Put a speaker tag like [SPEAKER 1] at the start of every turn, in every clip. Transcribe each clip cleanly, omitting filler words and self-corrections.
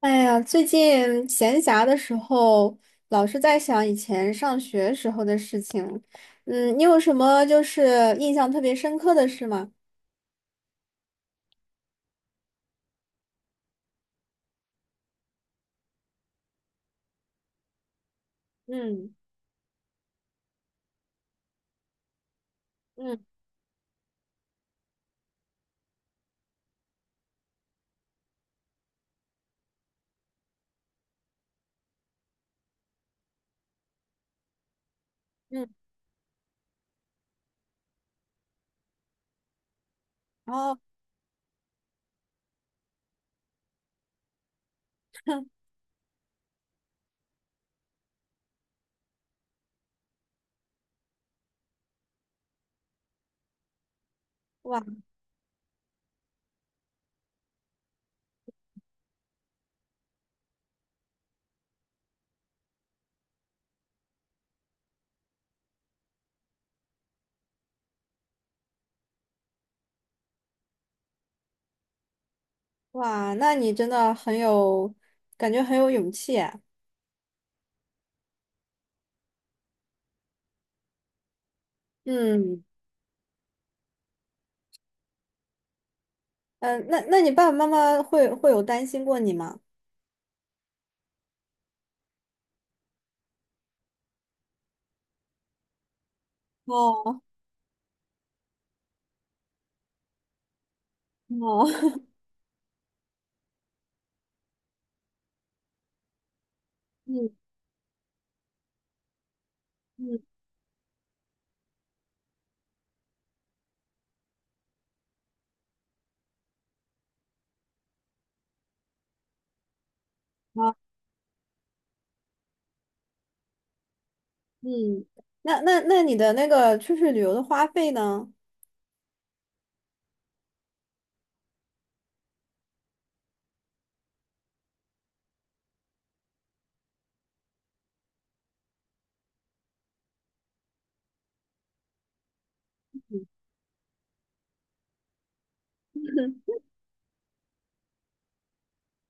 [SPEAKER 1] 哎呀，最近闲暇的时候，老是在想以前上学时候的事情。嗯，你有什么就是印象特别深刻的事吗？嗯嗯嗯。然后哇哇，那你真的很有，感觉很有勇气啊。嗯嗯，那那你爸爸妈妈会会有担心过你吗？哦哦，嗯嗯好。嗯，那那那你的那个出去旅游的花费呢？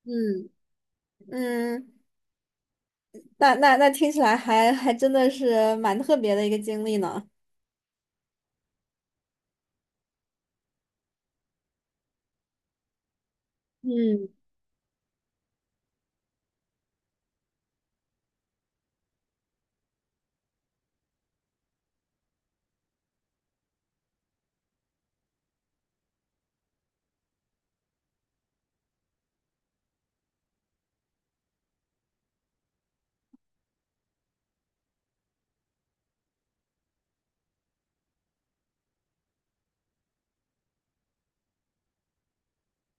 [SPEAKER 1] 嗯嗯。那那那听起来还还真的是蛮特别的一个经历呢。嗯，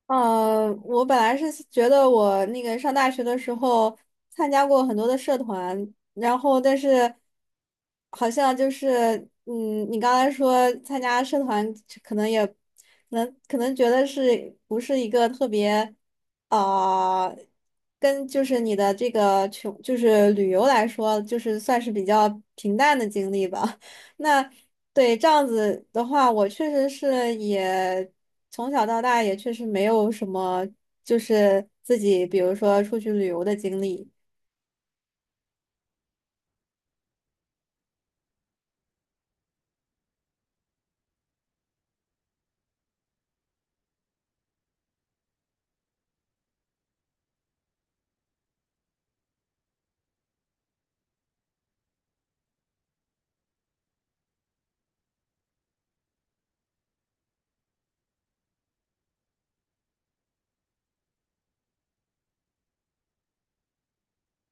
[SPEAKER 1] 我本来是觉得我那个上大学的时候参加过很多的社团，然后但是好像就是，嗯，你刚才说参加社团可能也能可能觉得是不是一个特别啊、呃跟就是你的这个穷就是旅游来说，就是算是比较平淡的经历吧。那对这样子的话，我确实是也。从小到大也确实没有什么，就是自己比如说出去旅游的经历。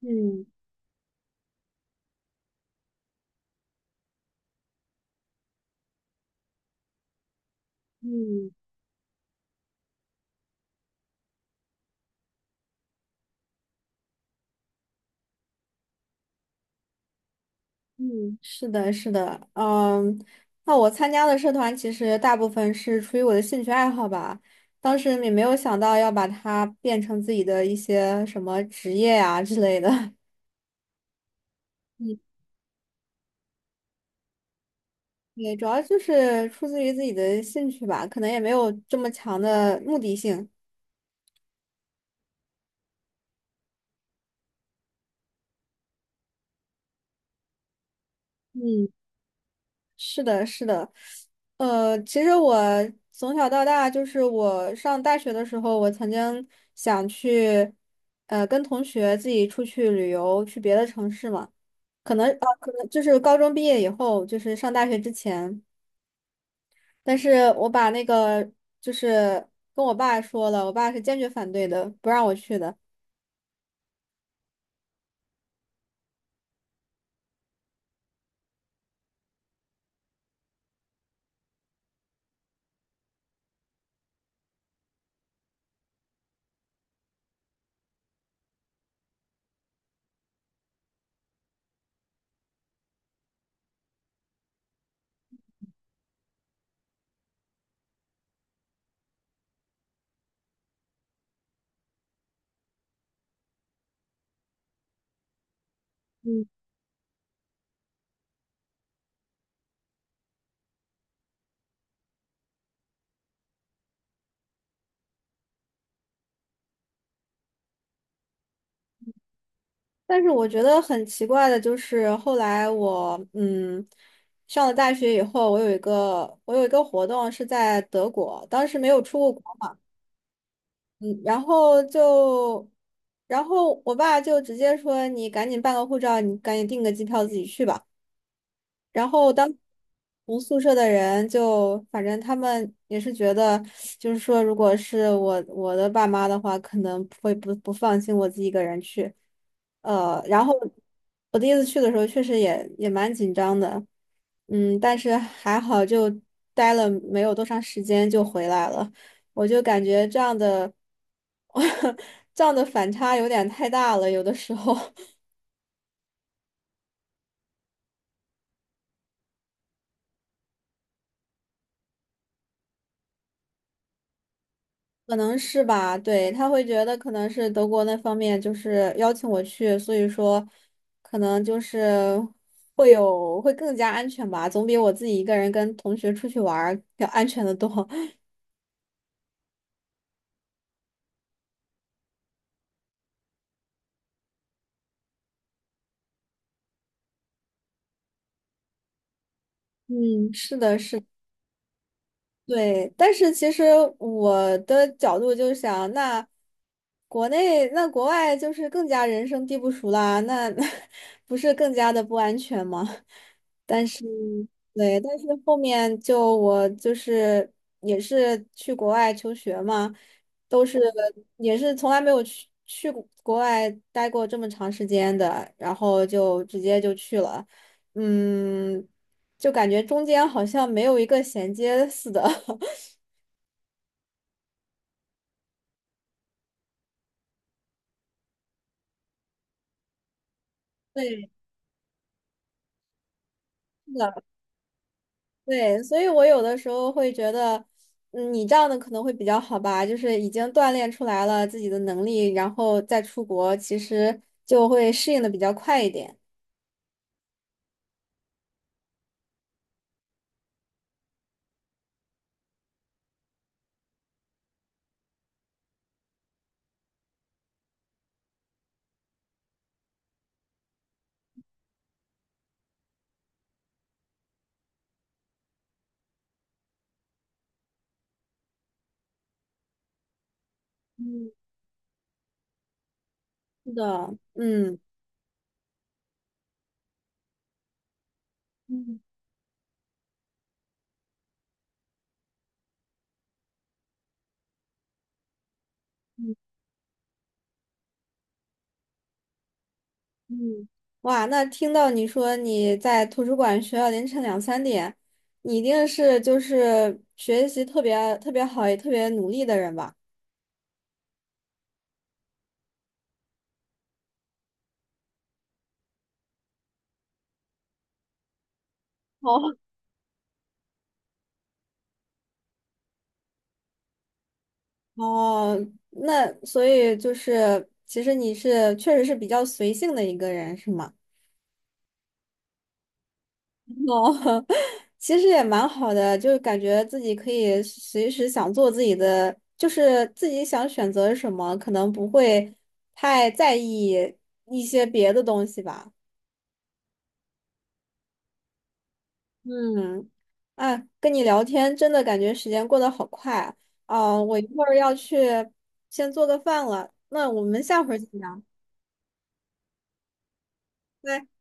[SPEAKER 1] 嗯嗯嗯，是的，是的，嗯，那我参加的社团其实大部分是出于我的兴趣爱好吧，当时也没有想到要把它变成自己的一些什么职业呀、之类的。对，主要就是出自于自己的兴趣吧，可能也没有这么强的目的性。嗯，是的，是的，其实我从小到大，就是我上大学的时候，我曾经想去，跟同学自己出去旅游，去别的城市嘛。可能啊，可能就是高中毕业以后，就是上大学之前，但是我把那个就是跟我爸说了，我爸是坚决反对的，不让我去的。但是我觉得很奇怪的就是，后来我上了大学以后，我有一个活动是在德国，当时没有出过国嘛，嗯，然后就然后我爸就直接说你赶紧办个护照，你赶紧订个机票自己去吧。然后当同宿舍的人就，反正他们也是觉得，就是说，如果是我的爸妈的话，可能会不放心我自己一个人去。然后我第一次去的时候，确实也也蛮紧张的，嗯，但是还好就待了没有多长时间就回来了。我就感觉这样的，这样的反差有点太大了，有的时候。可能是吧，对，他会觉得可能是德国那方面就是邀请我去，所以说可能就是会有会更加安全吧，总比我自己一个人跟同学出去玩儿要安全的多。嗯，是的，是的，对。但是其实我的角度就想，那国内那国外就是更加人生地不熟啦，那 不是更加的不安全吗？对，但是后面就我就是也是去国外求学嘛，都是也是从来没有去过国外待过这么长时间的，然后就直接就去了，嗯，就感觉中间好像没有一个衔接似的。对，是的，对，所以我有的时候会觉得，嗯，你这样的可能会比较好吧，就是已经锻炼出来了自己的能力，然后再出国，其实就会适应的比较快一点。嗯，是的，嗯嗯嗯嗯，哇，那听到你说你在图书馆学到凌晨2、3点，你一定是就是学习特别特别好，也特别努力的人吧？哦，哦，那所以就是，其实你是确实是比较随性的一个人，是吗？哦，其实也蛮好的，就感觉自己可以随时想做自己的，就是自己想选择什么，可能不会太在意一些别的东西吧。嗯，哎，跟你聊天真的感觉时间过得好快啊。哦，我一会儿要去先做个饭了，那我们下回儿再聊。拜